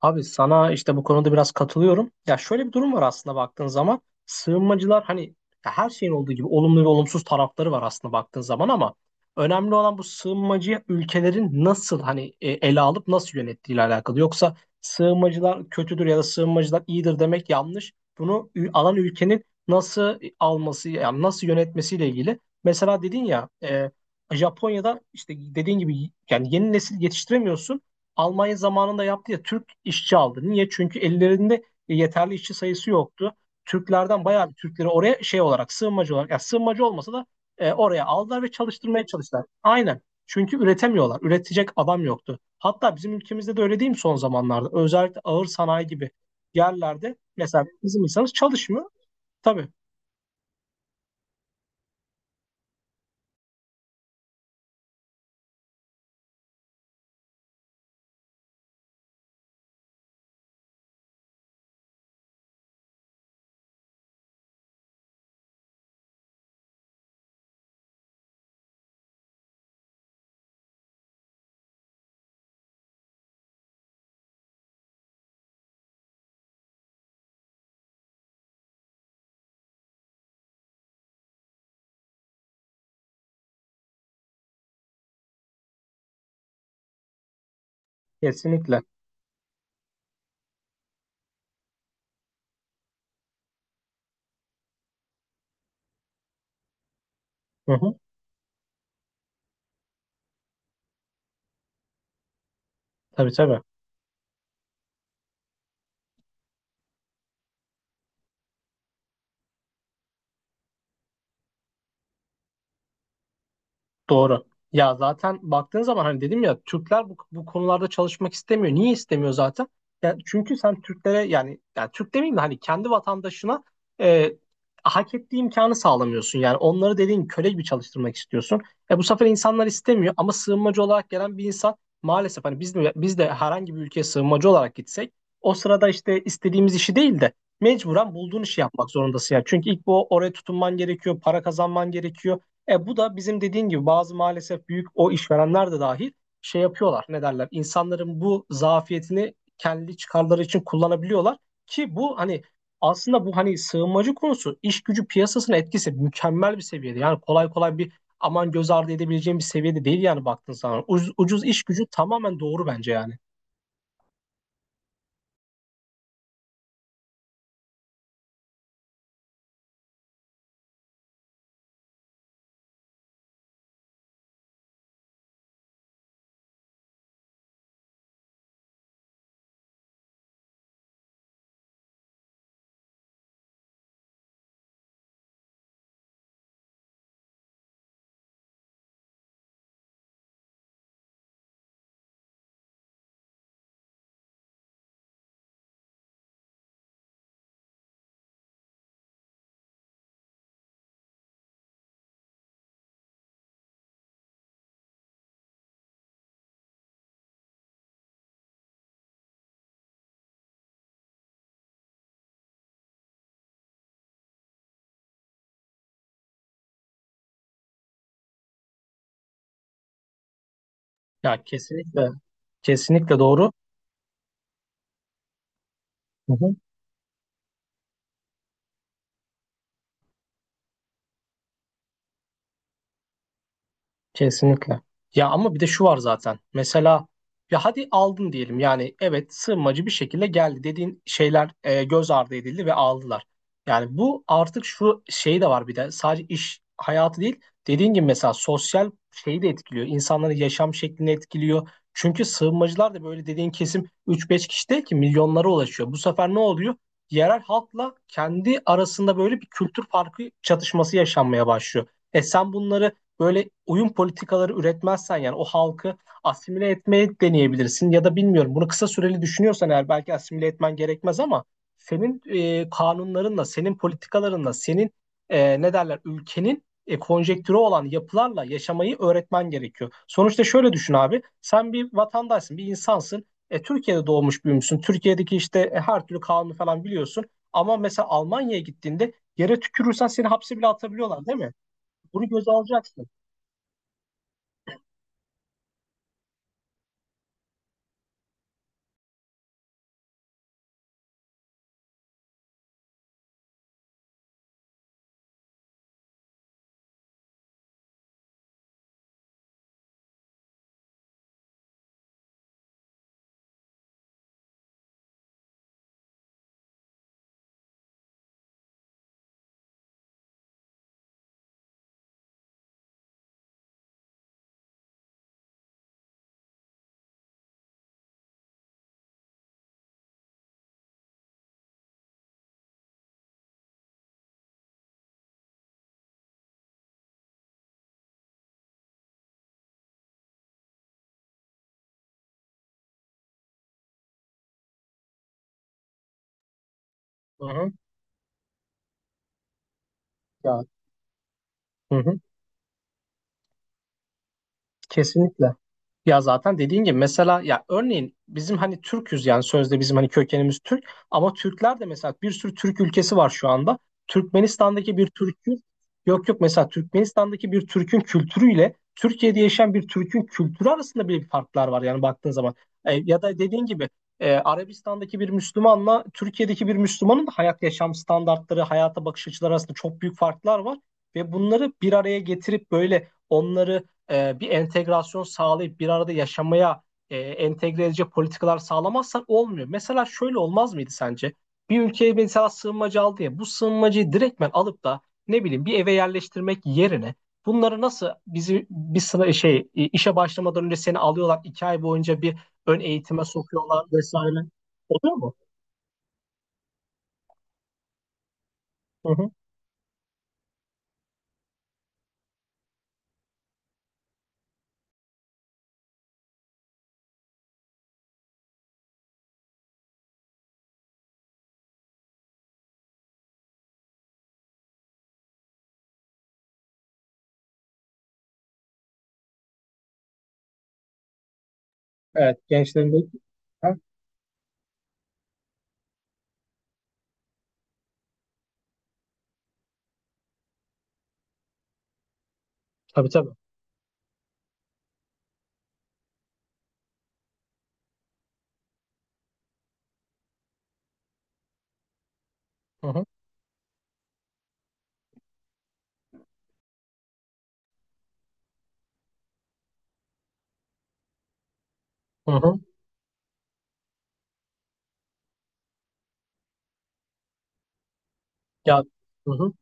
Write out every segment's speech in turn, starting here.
Abi sana işte bu konuda biraz katılıyorum. Ya şöyle bir durum var aslında baktığın zaman. Sığınmacılar hani ya her şeyin olduğu gibi olumlu ve olumsuz tarafları var aslında baktığın zaman ama önemli olan bu sığınmacıya ülkelerin nasıl hani ele alıp nasıl yönettiğiyle alakalı. Yoksa sığınmacılar kötüdür ya da sığınmacılar iyidir demek yanlış. Alan ülkenin nasıl alması yani nasıl yönetmesiyle ilgili. Mesela dedin ya Japonya'da işte dediğin gibi yani yeni nesil yetiştiremiyorsun. Almanya zamanında yaptı ya Türk işçi aldı. Niye? Çünkü ellerinde yeterli işçi sayısı yoktu. Türklerden bayağı bir Türkleri oraya şey olarak sığınmacı olarak ya sığınmacı olmasa da oraya aldılar ve çalıştırmaya çalıştılar. Aynen. Çünkü üretemiyorlar. Üretecek adam yoktu. Hatta bizim ülkemizde de öyle değil mi son zamanlarda? Özellikle ağır sanayi gibi yerlerde mesela bizim insanımız çalışmıyor. Tabii. Kesinlikle. Hı hı. Tabii, tabii. Doğru. Ya zaten baktığın zaman hani dedim ya Türkler bu konularda çalışmak istemiyor. Niye istemiyor zaten? Yani çünkü sen Türklere yani Türk demeyeyim de hani kendi vatandaşına e, hak ettiği imkanı sağlamıyorsun. Yani onları dediğin köle gibi çalıştırmak istiyorsun. Bu sefer insanlar istemiyor ama sığınmacı olarak gelen bir insan maalesef hani biz de herhangi bir ülkeye sığınmacı olarak gitsek o sırada işte istediğimiz işi değil de mecburen bulduğun işi yapmak zorundasın. Yani çünkü ilk bu oraya tutunman gerekiyor, para kazanman gerekiyor. E bu da bizim dediğin gibi bazı maalesef büyük o işverenler de dahil şey yapıyorlar. Ne derler? İnsanların bu zafiyetini kendi çıkarları için kullanabiliyorlar ki bu hani aslında bu hani sığınmacı konusu iş gücü piyasasına etkisi mükemmel bir seviyede. Yani kolay kolay bir aman göz ardı edebileceğim bir seviyede değil yani baktın sana. Ucuz iş gücü tamamen doğru bence yani. Ya kesinlikle, kesinlikle doğru. Hı hı. Kesinlikle. Ya ama bir de şu var zaten. Mesela ya hadi aldın diyelim. Yani evet sığınmacı bir şekilde geldi dediğin şeyler göz ardı edildi ve aldılar. Yani bu artık şu şey de var bir de sadece iş hayatı değil. Dediğin gibi mesela sosyal şeyi de etkiliyor. İnsanların yaşam şeklini etkiliyor. Çünkü sığınmacılar da böyle dediğin kesim 3-5 kişi değil ki milyonlara ulaşıyor. Bu sefer ne oluyor? Yerel halkla kendi arasında böyle bir kültür farkı çatışması yaşanmaya başlıyor. E sen bunları böyle uyum politikaları üretmezsen yani o halkı asimile etmeye deneyebilirsin ya da bilmiyorum bunu kısa süreli düşünüyorsan eğer belki asimile etmen gerekmez ama senin kanunlarınla, senin politikalarınla, senin ne derler ülkenin konjektürü olan yapılarla yaşamayı öğretmen gerekiyor. Sonuçta şöyle düşün abi, sen bir vatandaşsın, bir insansın. Türkiye'de doğmuş büyümüşsün. Türkiye'deki işte her türlü kanunu falan biliyorsun. Ama mesela Almanya'ya gittiğinde yere tükürürsen seni hapse bile atabiliyorlar değil mi? Bunu göze alacaksın. Hı hı. Ya, hı hı. Kesinlikle. Ya zaten dediğin gibi mesela ya örneğin bizim hani Türk'üz yani sözde bizim hani kökenimiz Türk ama Türkler de mesela bir sürü Türk ülkesi var şu anda. Türkmenistan'daki bir Türk'ün yok yok Mesela Türkmenistan'daki bir Türk'ün kültürüyle Türkiye'de yaşayan bir Türk'ün kültürü arasında bile bir farklar var yani baktığın zaman. Ya da dediğin gibi Arabistan'daki bir Müslümanla Türkiye'deki bir Müslümanın da hayat yaşam standartları, hayata bakış açıları arasında çok büyük farklar var ve bunları bir araya getirip böyle onları bir entegrasyon sağlayıp bir arada yaşamaya entegre edici politikalar sağlamazsan olmuyor. Mesela şöyle olmaz mıydı sence? Bir ülkeye mesela sığınmacı aldı ya bu sığınmacıyı direktmen alıp da ne bileyim bir eve yerleştirmek yerine bunları nasıl bizi bir sıra işe başlamadan önce seni alıyorlar iki ay boyunca bir ön eğitime sokuyorlar vesaire. Oluyor mu? Hı hı. Evet, gençlerin de... Ha? Tabii, tabii. Hı hı. Hı hı. Ya, hı hı.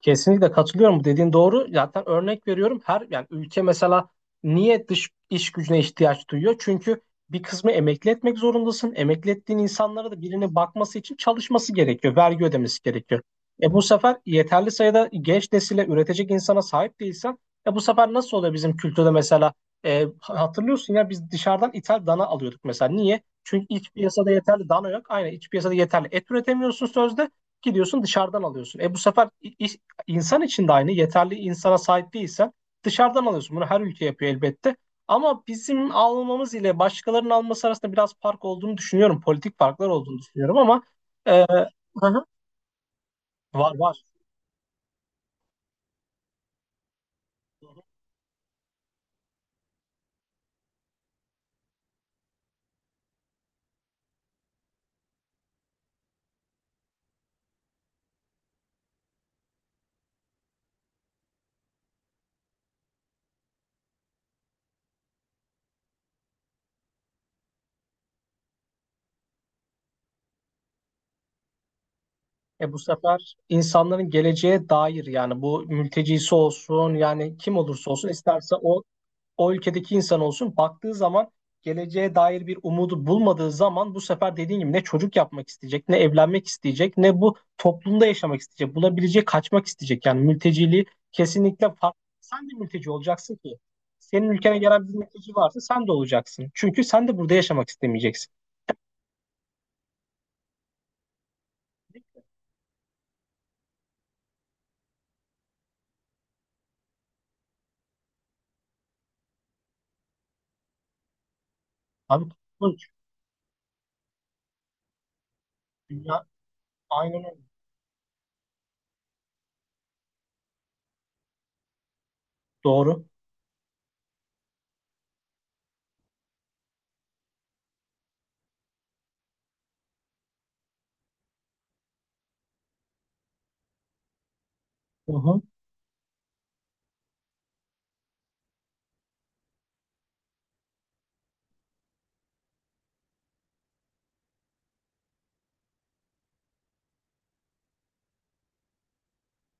Kesinlikle katılıyorum. Bu dediğin doğru. Zaten örnek veriyorum. Her yani ülke mesela niye dış iş gücüne ihtiyaç duyuyor? Çünkü bir kısmı emekli etmek zorundasın. Emekli ettiğin insanlara da birine bakması için çalışması gerekiyor. Vergi ödemesi gerekiyor. E bu sefer yeterli sayıda genç nesile üretecek insana sahip değilsen e bu sefer nasıl oluyor bizim kültürde mesela. E, hatırlıyorsun ya biz dışarıdan ithal dana alıyorduk mesela. Niye? Çünkü iç piyasada yeterli dana yok. Aynen iç piyasada yeterli et üretemiyorsun sözde gidiyorsun dışarıdan alıyorsun. İnsan için de aynı. Yeterli insana sahip değilsen dışarıdan alıyorsun. Bunu her ülke yapıyor elbette. Ama bizim almamız ile başkalarının alması arasında biraz fark olduğunu düşünüyorum. Politik farklar olduğunu düşünüyorum ama e, hı hı. Var, var. E bu sefer insanların geleceğe dair yani bu mültecisi olsun yani kim olursa olsun isterse o o ülkedeki insan olsun baktığı zaman geleceğe dair bir umudu bulmadığı zaman bu sefer dediğin gibi ne çocuk yapmak isteyecek, ne evlenmek isteyecek, ne bu toplumda yaşamak isteyecek, bulabileceği kaçmak isteyecek. Yani mülteciliği kesinlikle farklı. Sen de mülteci olacaksın ki. Senin ülkene gelen bir mülteci varsa sen de olacaksın. Çünkü sen de burada yaşamak istemeyeceksin. Abi bu Dünya Aynen öyle. Doğru. Hı hı.